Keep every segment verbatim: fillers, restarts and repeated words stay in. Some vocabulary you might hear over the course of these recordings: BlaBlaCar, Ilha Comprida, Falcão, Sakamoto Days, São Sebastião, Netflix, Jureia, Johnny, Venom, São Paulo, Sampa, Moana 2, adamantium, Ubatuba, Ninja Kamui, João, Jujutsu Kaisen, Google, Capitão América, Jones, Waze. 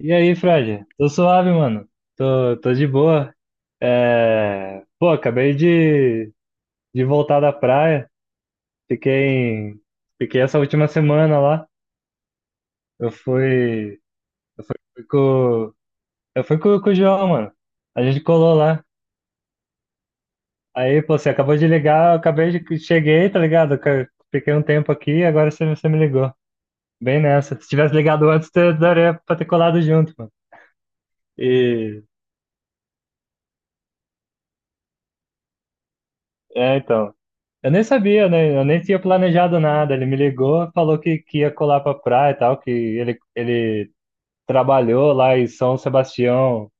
E aí, Fred? Tô suave, mano. Tô, tô de boa. É... Pô, acabei de, de voltar da praia. Fiquei, em- Fiquei essa última semana lá. Eu fui, eu fui com, eu fui com, com o João, mano. A gente colou lá. Aí, pô, você acabou de ligar, eu acabei de, cheguei, tá ligado? Que- Fiquei um tempo aqui e agora você, você me ligou. Bem nessa. Se tivesse ligado antes, eu daria pra ter colado junto, mano. É, então. Eu nem sabia, né? Eu nem tinha planejado nada. Ele me ligou, falou que, que ia colar pra praia e tal, que ele, ele trabalhou lá em São Sebastião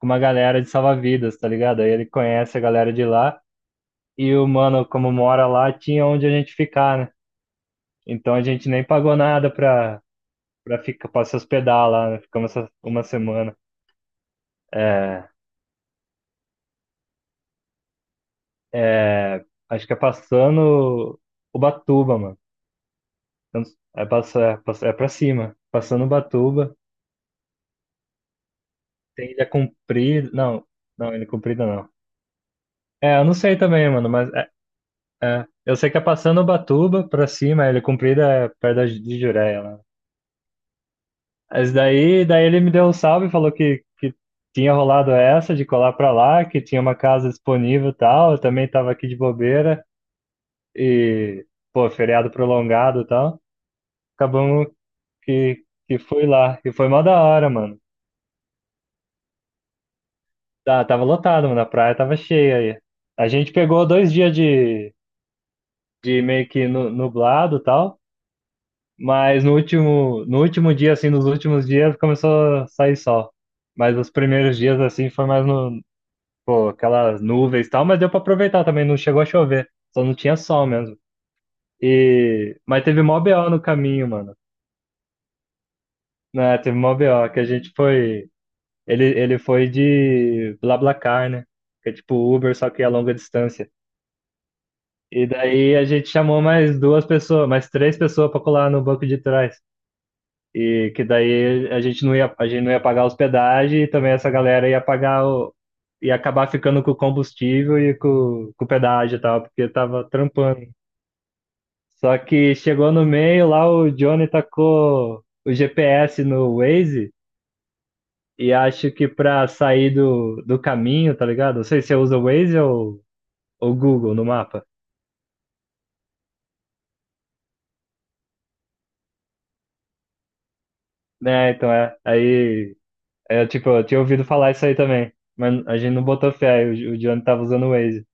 com uma galera de salva-vidas, tá ligado? Aí ele conhece a galera de lá e o mano, como mora lá, tinha onde a gente ficar, né? Então a gente nem pagou nada pra, pra, ficar, pra se hospedar lá, né? Ficamos essa- uma semana. É, é, Acho que é passando Ubatuba, mano. Então, aí passa, é passa, é pra cima. Passando Ubatuba, tem Ilha Comprida. Não, não, Ilha Comprida não. É, eu não sei também, mano, mas é, é. Eu sei que é passando Ubatuba pra cima, a Ilha Comprida é perto da de Jureia lá. Mas daí, daí ele me deu um salve e falou que, que tinha rolado essa de colar pra lá, que tinha uma casa disponível e tal. Eu também tava aqui de bobeira e, pô, feriado prolongado e tal. Acabamos que, que fui lá. E foi mó da hora, mano. Tá, Tava lotado, mano. A praia tava cheia aí. A gente pegou dois dias de, de meio que nu- nublado e tal, mas no último, no último dia, assim, nos últimos dias começou a sair sol. Mas os primeiros dias, assim, foi mais no, pô, aquelas nuvens e tal, mas deu pra aproveitar também, não chegou a chover, só não tinha sol mesmo. E, mas teve mó B O no caminho, mano. Né, teve mó B O, que a gente foi, ele, ele foi de BlaBlaCar, né? Que é tipo Uber, só que a longa distância. E daí a gente chamou mais duas pessoas, mais três pessoas para colar no banco de trás. E que daí a gente não ia, a gente não ia pagar a hospedagem e também essa galera ia pagar o, ia acabar ficando com o combustível e com, com o pedágio e tal, porque tava trampando. Só que chegou no meio lá, o Johnny tacou o G P S no Waze e acho que pra sair do, do caminho, tá ligado? Não sei se você usa o Waze ou ou o Google no mapa. Né, então é. Aí Aí eu, tipo, eu tinha ouvido falar isso aí também. Mas a gente não botou fé, aí o, o Johnny tava usando o Waze.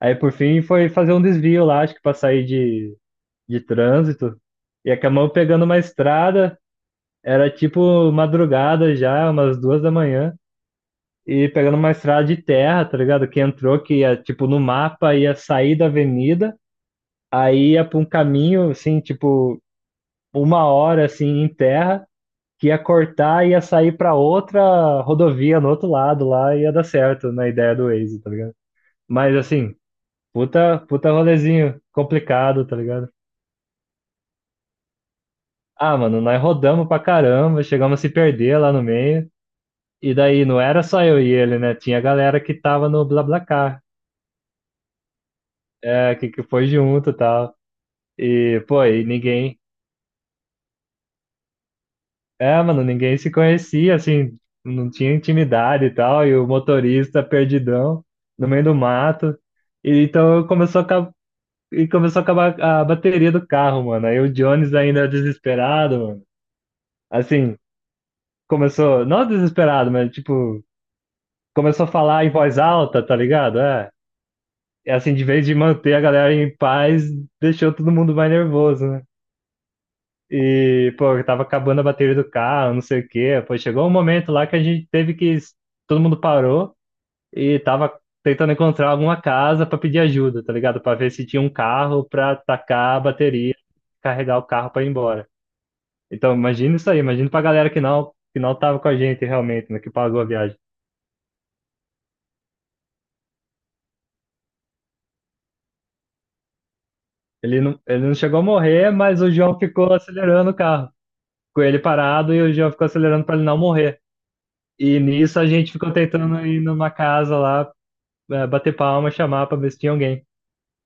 Aí por fim foi fazer um desvio lá, acho que pra sair de, de trânsito. E acabamos pegando uma estrada, era tipo madrugada já, umas duas da manhã. E pegando uma estrada de terra, tá ligado? Que entrou, que ia, tipo, no mapa ia sair da avenida, aí ia pra um caminho, assim, tipo, uma hora, assim, em terra. Que ia cortar e ia sair para outra rodovia no outro lado lá e ia dar certo na ideia do Waze, tá ligado? Mas assim, puta, puta rolezinho complicado, tá ligado? Ah, mano, nós rodamos pra caramba, chegamos a se perder lá no meio. E daí não era só eu e ele, né? Tinha a galera que tava no BlaBlaCar, é, que, que foi junto e tal. E, pô, e ninguém, É, mano, ninguém se conhecia, assim, não tinha intimidade e tal, e o motorista perdidão no meio do mato. E então eu- começou a, acab- e começou a acabar a bateria do carro, mano. Aí o Jones ainda é desesperado, mano. Assim, começou, não desesperado, mas tipo, começou a falar em voz alta, tá ligado? É. E assim, de vez de manter a galera em paz, deixou todo mundo mais nervoso, né? E, pô, eu tava acabando a bateria do carro, não sei o quê. Pô, chegou um momento lá que a gente teve que. Todo mundo parou e tava tentando encontrar alguma casa pra pedir ajuda, tá ligado? Pra ver se tinha um carro pra tacar a bateria, carregar o carro pra ir embora. Então, imagina isso aí, imagina pra galera que não, que não tava com a gente realmente, né, que pagou a viagem. Ele não, ele não chegou a morrer, mas o João ficou acelerando o carro. Com ele parado e o João ficou acelerando pra ele não morrer. E nisso a gente ficou tentando ir numa casa lá, é, bater palma, chamar pra ver se tinha alguém.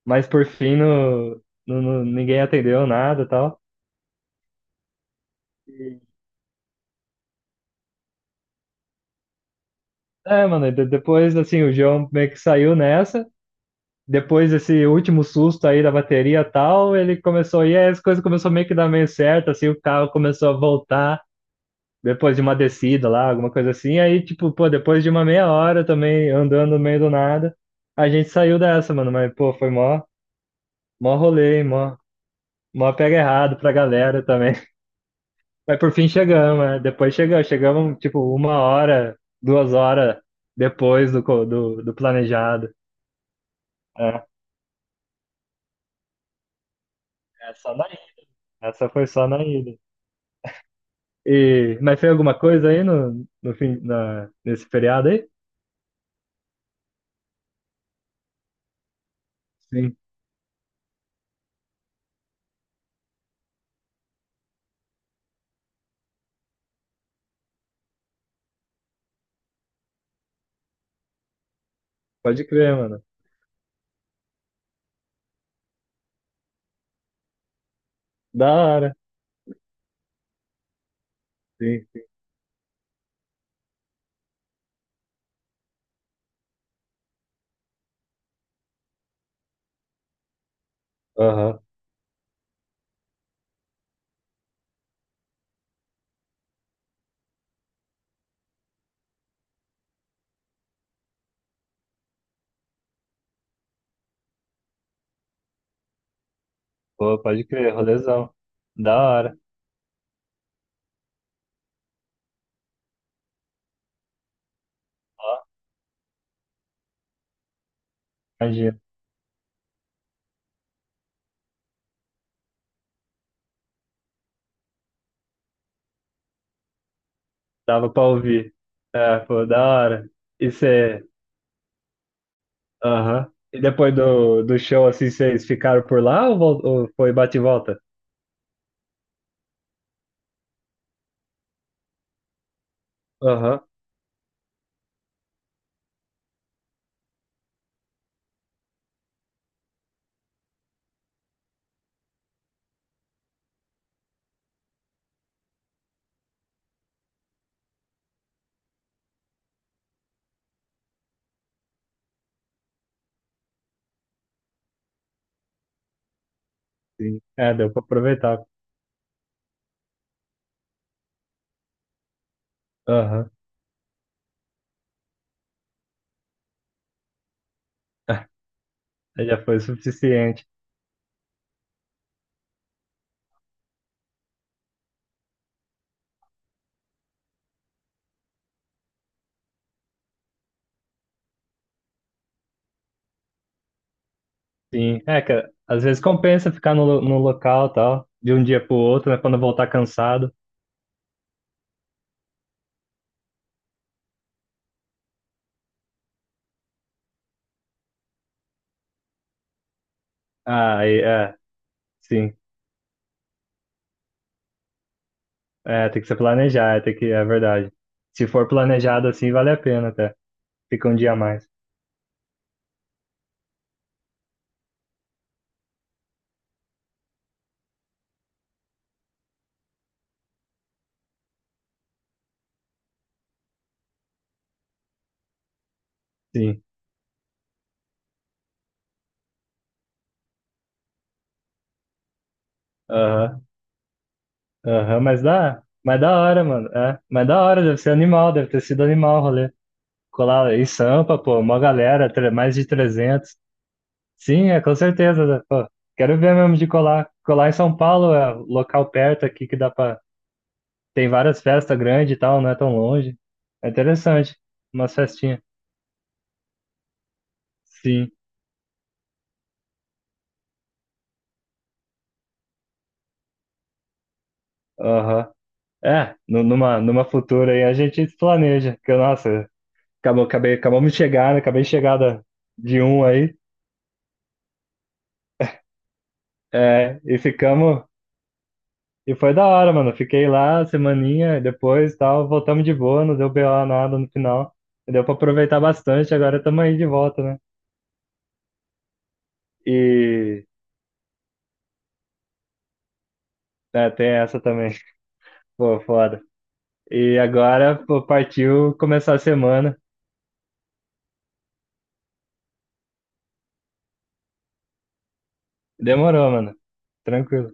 Mas por fim, no, no- no- ninguém atendeu nada e tal. E- É, mano, e de- depois, assim, o João meio que saiu nessa. Depois desse último susto aí da bateria e tal, ele começou, e aí as coisas começaram meio que dar meio certo, assim, o carro começou a voltar. Depois de uma descida lá, alguma coisa assim. Aí, tipo, pô, depois de uma meia hora também, andando no meio do nada, a gente saiu dessa, mano. Mas, pô, foi mó, mó rolê, hein, mó, mó pega errado pra galera também. Mas por fim chegamos, né? Depois chegamos, chegamos tipo uma hora, duas horas depois do, co- do, do planejado. É, é só na ida. Essa foi só na ida. E, mas foi alguma coisa aí no, no fim, na, nesse feriado aí? Sim, pode crer, mano. Da hora. Sim, sim. Aham. Pô, pode crer, rolezão. Da hora. Ó, imagina. Dava pra ouvir. É, pô, da hora. E você. Aham. E depois do, do show, assim, vocês ficaram por lá ou, vol- ou foi bate e volta? Aham, sim. É, deu pra aproveitar. Aham, aí já foi o suficiente. Sim. É, que às vezes compensa ficar no, lo- no local e tal, de um dia pro outro, né? Quando voltar cansado. Ah, aí, é, sim. É, tem que ser planejar, é, tem que, é verdade. Se for planejado assim, vale a pena até. Fica um dia a mais. Sim. Aham, aham, mas dá. Mas da hora, mano. É, mas da hora, deve ser animal, deve ter sido animal o rolê. Colar em Sampa, pô, uma galera, tre- mais de trezentos. Sim, é, com certeza. Né? Pô, quero ver mesmo de colar. Colar em São Paulo é um local perto aqui que dá pra. Tem várias festas grandes e tal, não é tão longe. É interessante. Umas festinhas. Sim. Aham. É, nu- numa, numa futura aí a gente se planeja. Que, nossa, acabou, acabei, acabamos de chegar, né? Acabei de chegar da- De um aí. É, e ficamos. E foi da hora, mano. Fiquei lá semaninha, depois tal, voltamos de boa, não deu B O nada no final. Deu pra aproveitar bastante, agora estamos aí de volta, né? E É, tem essa também. Pô, foda. E agora, pô, partiu começar a semana. Demorou, mano. Tranquilo.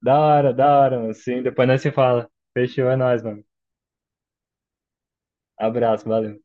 Da hora, da hora, mano. Sim, depois nós se fala. Fechou, é nóis, mano. Abraço, valeu.